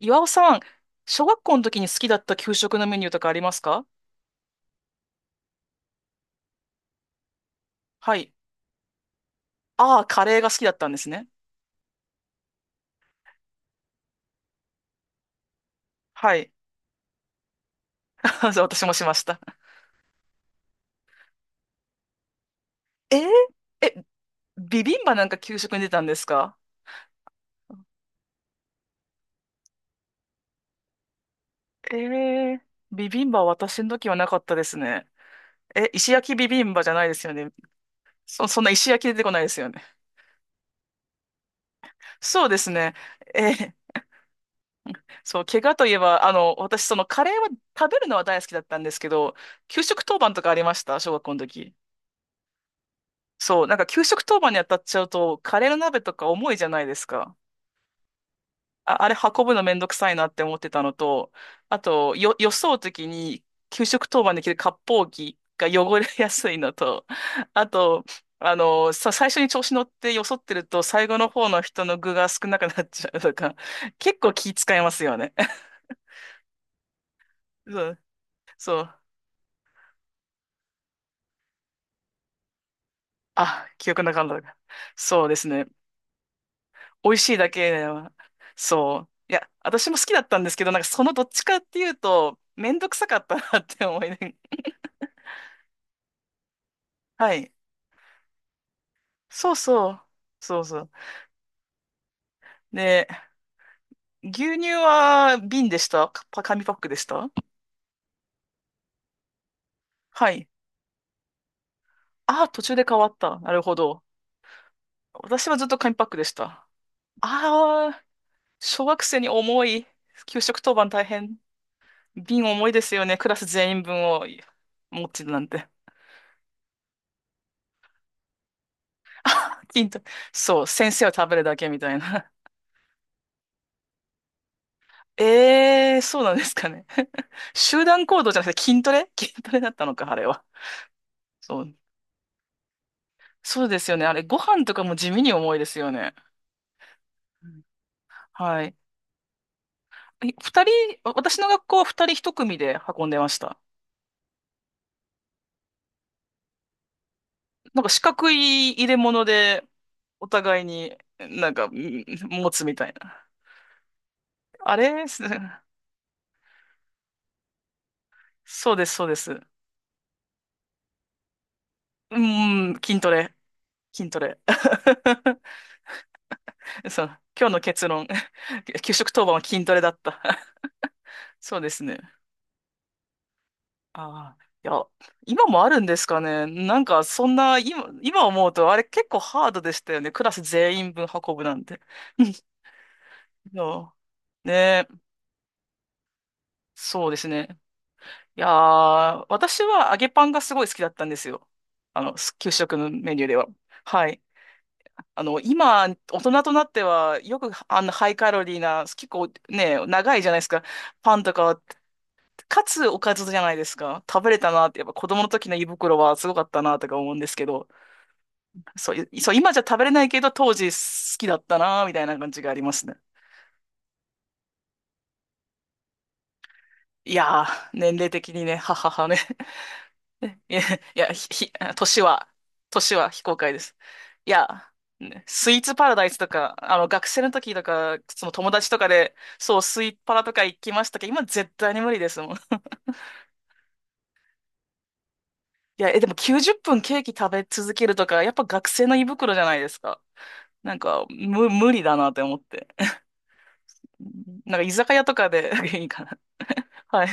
岩尾さん、小学校の時に好きだった給食のメニューとかありますか？はい。ああ、カレーが好きだったんですね。はい。そう私もしました。えー。え、ビビンバなんか給食に出たんですか？えー、ビビンバは私の時はなかったですね。え、石焼きビビンバじゃないですよね。そんな石焼き出てこないですよね。そうですね。えー。そう、怪我といえば、あの、私、そのカレーは食べるのは大好きだったんですけど、給食当番とかありました小学校の時。そう、なんか給食当番に当たっちゃうと、カレーの鍋とか重いじゃないですか。あ、あれ運ぶのめんどくさいなって思ってたのと、あと、よそうときに、給食当番で着る割烹着が汚れやすいのと、あと、あの、最初に調子乗ってよそってると、最後の方の人の具が少なくなっちゃうとか、結構気使いますよね。そう、そう。あ、記憶なかった。そうですね。美味しいだけでは、そう。いや、私も好きだったんですけど、なんかそのどっちかっていうと、めんどくさかったなって思いながら、はい。そうそう。そうそう。で、牛乳は瓶でしたか、パ紙パックでしたはい。ああ、途中で変わった。なるほど。私はずっと紙パックでした。ああ、小学生に重い。給食当番大変。瓶重いですよね。クラス全員分を持ってるなんて。あ金と、そう、先生は食べるだけみたいな。ええ、そうなんですかね。集団行動じゃなくて筋トレ 筋トレだったのか、あれは。そう。そうですよね。あれ、ご飯とかも地味に重いですよね。うん、はい。え、二人、私の学校は二人一組で運んでました。なんか四角い入れ物で、お互いになんか、うん、持つみたいな。あれす そうです、そうです。うん、筋トレ。筋トレ。そう。今日の結論。給食当番は筋トレだった。そうですね。ああ、いや、今もあるんですかね。なんか、そんな、今思うと、あれ結構ハードでしたよね。クラス全員分運ぶなんて。うん。いや、ねえ、そうですね。いやー、私は揚げパンがすごい好きだったんですよ。あの、す給食のメニューでは。はい。あの、今、大人となっては、よく、あの、ハイカロリーな、結構ね、長いじゃないですか。パンとかは、かつおかずじゃないですか。食べれたなって、やっぱ子供の時の胃袋はすごかったなとか思うんですけど、そう、いそう、今じゃ食べれないけど、当時好きだったなーみたいな感じがありますね。いやー、年齢的にね、はははね。いや、いや、年は、年は非公開です。いや、ね、スイーツパラダイスとか、あの、学生の時とか、その友達とかで、そう、スイパラとか行きましたけど、今絶対に無理ですもん。いや、え、でも90分ケーキ食べ続けるとか、やっぱ学生の胃袋じゃないですか。なんか、無理だなって思って。なんか居酒屋とかで いいかな。はい。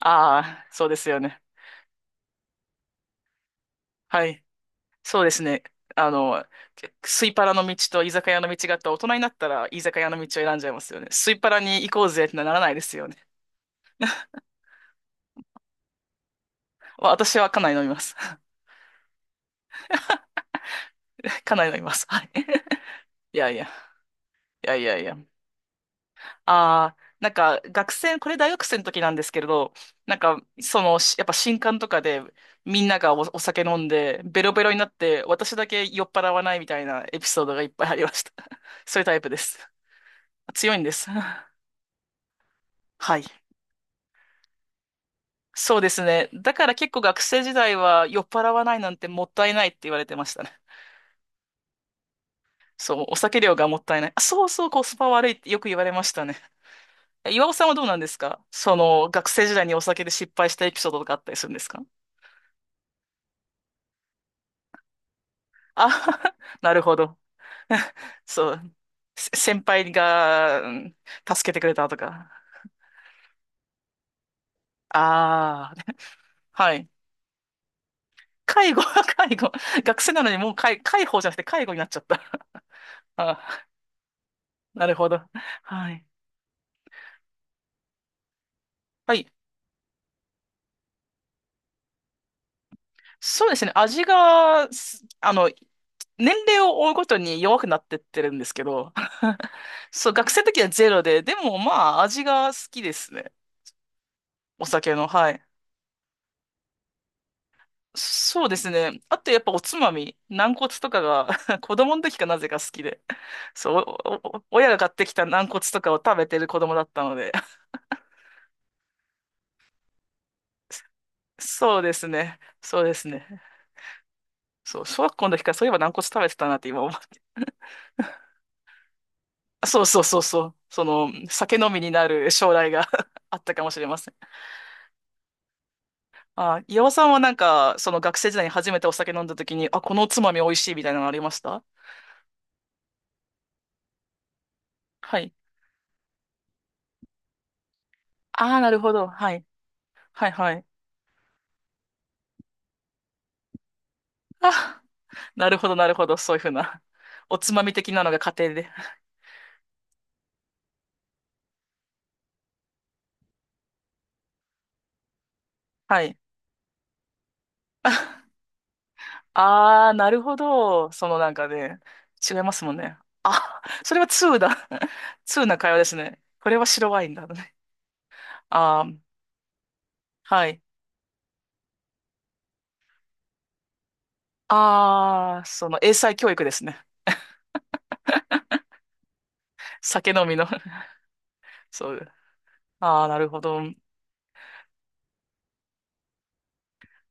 ああ、そうですよね。はい。そうですね。あの、スイパラの道と居酒屋の道があった大人になったら居酒屋の道を選んじゃいますよね。スイパラに行こうぜってならないですよね。私はかなり飲みます。かなり飲みます。はい。いやいや、いやいやいや。ああ、なんか学生、これ大学生の時なんですけれど、なんかその、しやっぱ新刊とかでみんながお酒飲んでベロベロになって私だけ酔っ払わないみたいなエピソードがいっぱいありました。そういうタイプです。強いんです。はい。そうですね。だから結構学生時代は酔っ払わないなんてもったいないって言われてましたね。そう、お酒量がもったいない。あ、そうそう、コスパ悪いってよく言われましたね。え、岩尾さんはどうなんですか、その、学生時代にお酒で失敗したエピソードとかあったりするんですか？あ、なるほど。そう、せ先輩が、うん、助けてくれたとか。ああ、はい。介護、介護。学生なのにもう介、介抱じゃなくて介護になっちゃった。あー、なるほど。はい。はい、そうですね。味が、すあの、年齢を追うごとに弱くなってってるんですけど、そう、学生の時はゼロで、でもまあ、味が好きですね。お酒の、はい。そうですね。あとやっぱおつまみ、軟骨とかが 子供の時かなぜか好きで、そう、おお親が買ってきた軟骨とかを食べてる子供だったので、そうですね。そうですね。そう、小学校の時からそういえば軟骨食べてたなって今思そうそうそうそう。その、酒飲みになる将来が あったかもしれません。あ、岩尾さんはなんか、その学生時代に初めてお酒飲んだ時に、あ、このおつまみ美味しいみたいなのありました？はい。ああ、なるほど。はい。はいはい。あ、なるほどなるほど。そういうふうな おつまみ的なのが家庭で。はい。ああ、なるほど。そのなんかね、違いますもんね。あ、それは通だ。通な会話ですね。これは白ワインだね。ああ、はい。ああ、その英才教育ですね。酒飲みの そう。ああ、なるほど。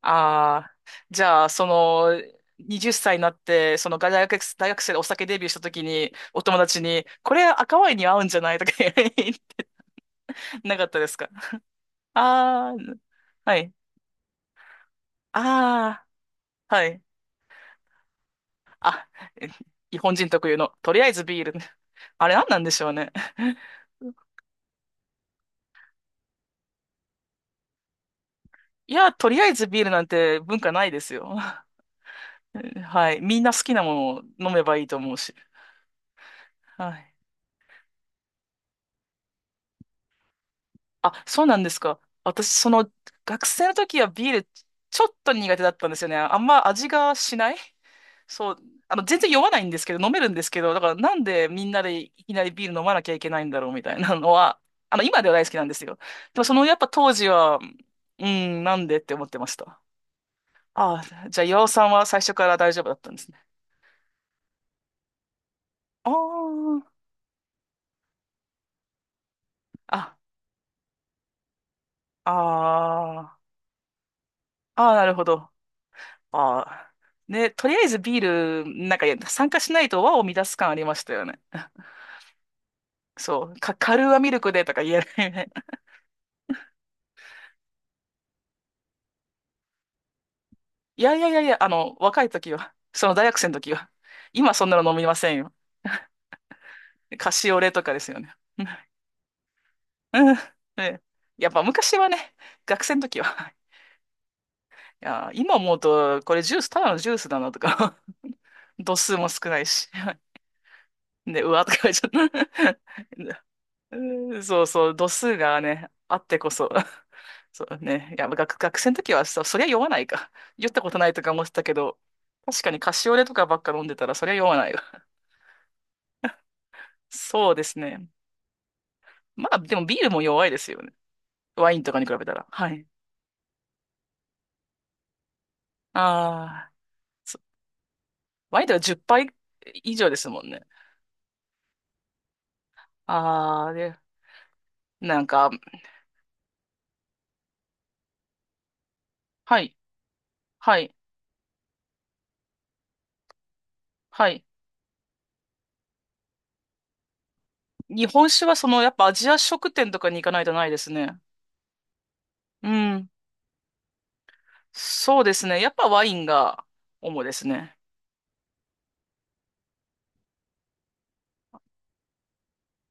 ああ、じゃあ、その、20歳になって、その大学、大学生でお酒デビューした時に、お友達に、これ赤ワインに合うんじゃないとか言え なかったですか？ああー、はい。ああ、はい。あ、え、日本人特有の、とりあえずビール。あれ何なんでしょうね。いや、とりあえずビールなんて文化ないですよ。はい。みんな好きなものを飲めばいいと思うし。はい。あ、そうなんですか。私、その、学生の時はビール、ちょっと苦手だったんですよね。あんま味がしない。そう。あの、全然酔わないんですけど、飲めるんですけど、だからなんでみんなでいきなりビール飲まなきゃいけないんだろうみたいなのは、あの、今では大好きなんですよ。でも、その、やっぱ当時は、うん、なんでって思ってました。ああ、じゃあ、岩尾さんは最初から大丈夫だったんですね。ああ、あ、ああ、ああ、なるほど。ああ。ね、とりあえずビール、なんか参加しないと和を乱す感ありましたよね。そう、カルーアミルクでとか言えないね。いやいやいやいや、あの、若い時は、その大学生の時は、今そんなの飲みませんよ。カシオレとかですよね。うん。うん。ね、やっぱ昔はね、学生の時は、いや、今思うと、これジュース、ただのジュースだなとか、度数も少ないし、で、うわとか言っちゃった。うん そうそう、度数がね、あってこそ。そうね。いや、学生の時はさ、そりゃ酔わないか。酔ったことないとか思ってたけど、確かにカシオレとかばっか飲んでたら、そりゃ酔わないわ。そうですね。まあ、でもビールも弱いですよね。ワインとかに比べたら。はい。ああ、そ、ワインとか10杯以上ですもんね。ああ、で、なんか、はい、はい、はい。日本酒はその、やっぱアジア食店とかに行かないとないですね。うん。そうですね。やっぱワインが主ですね。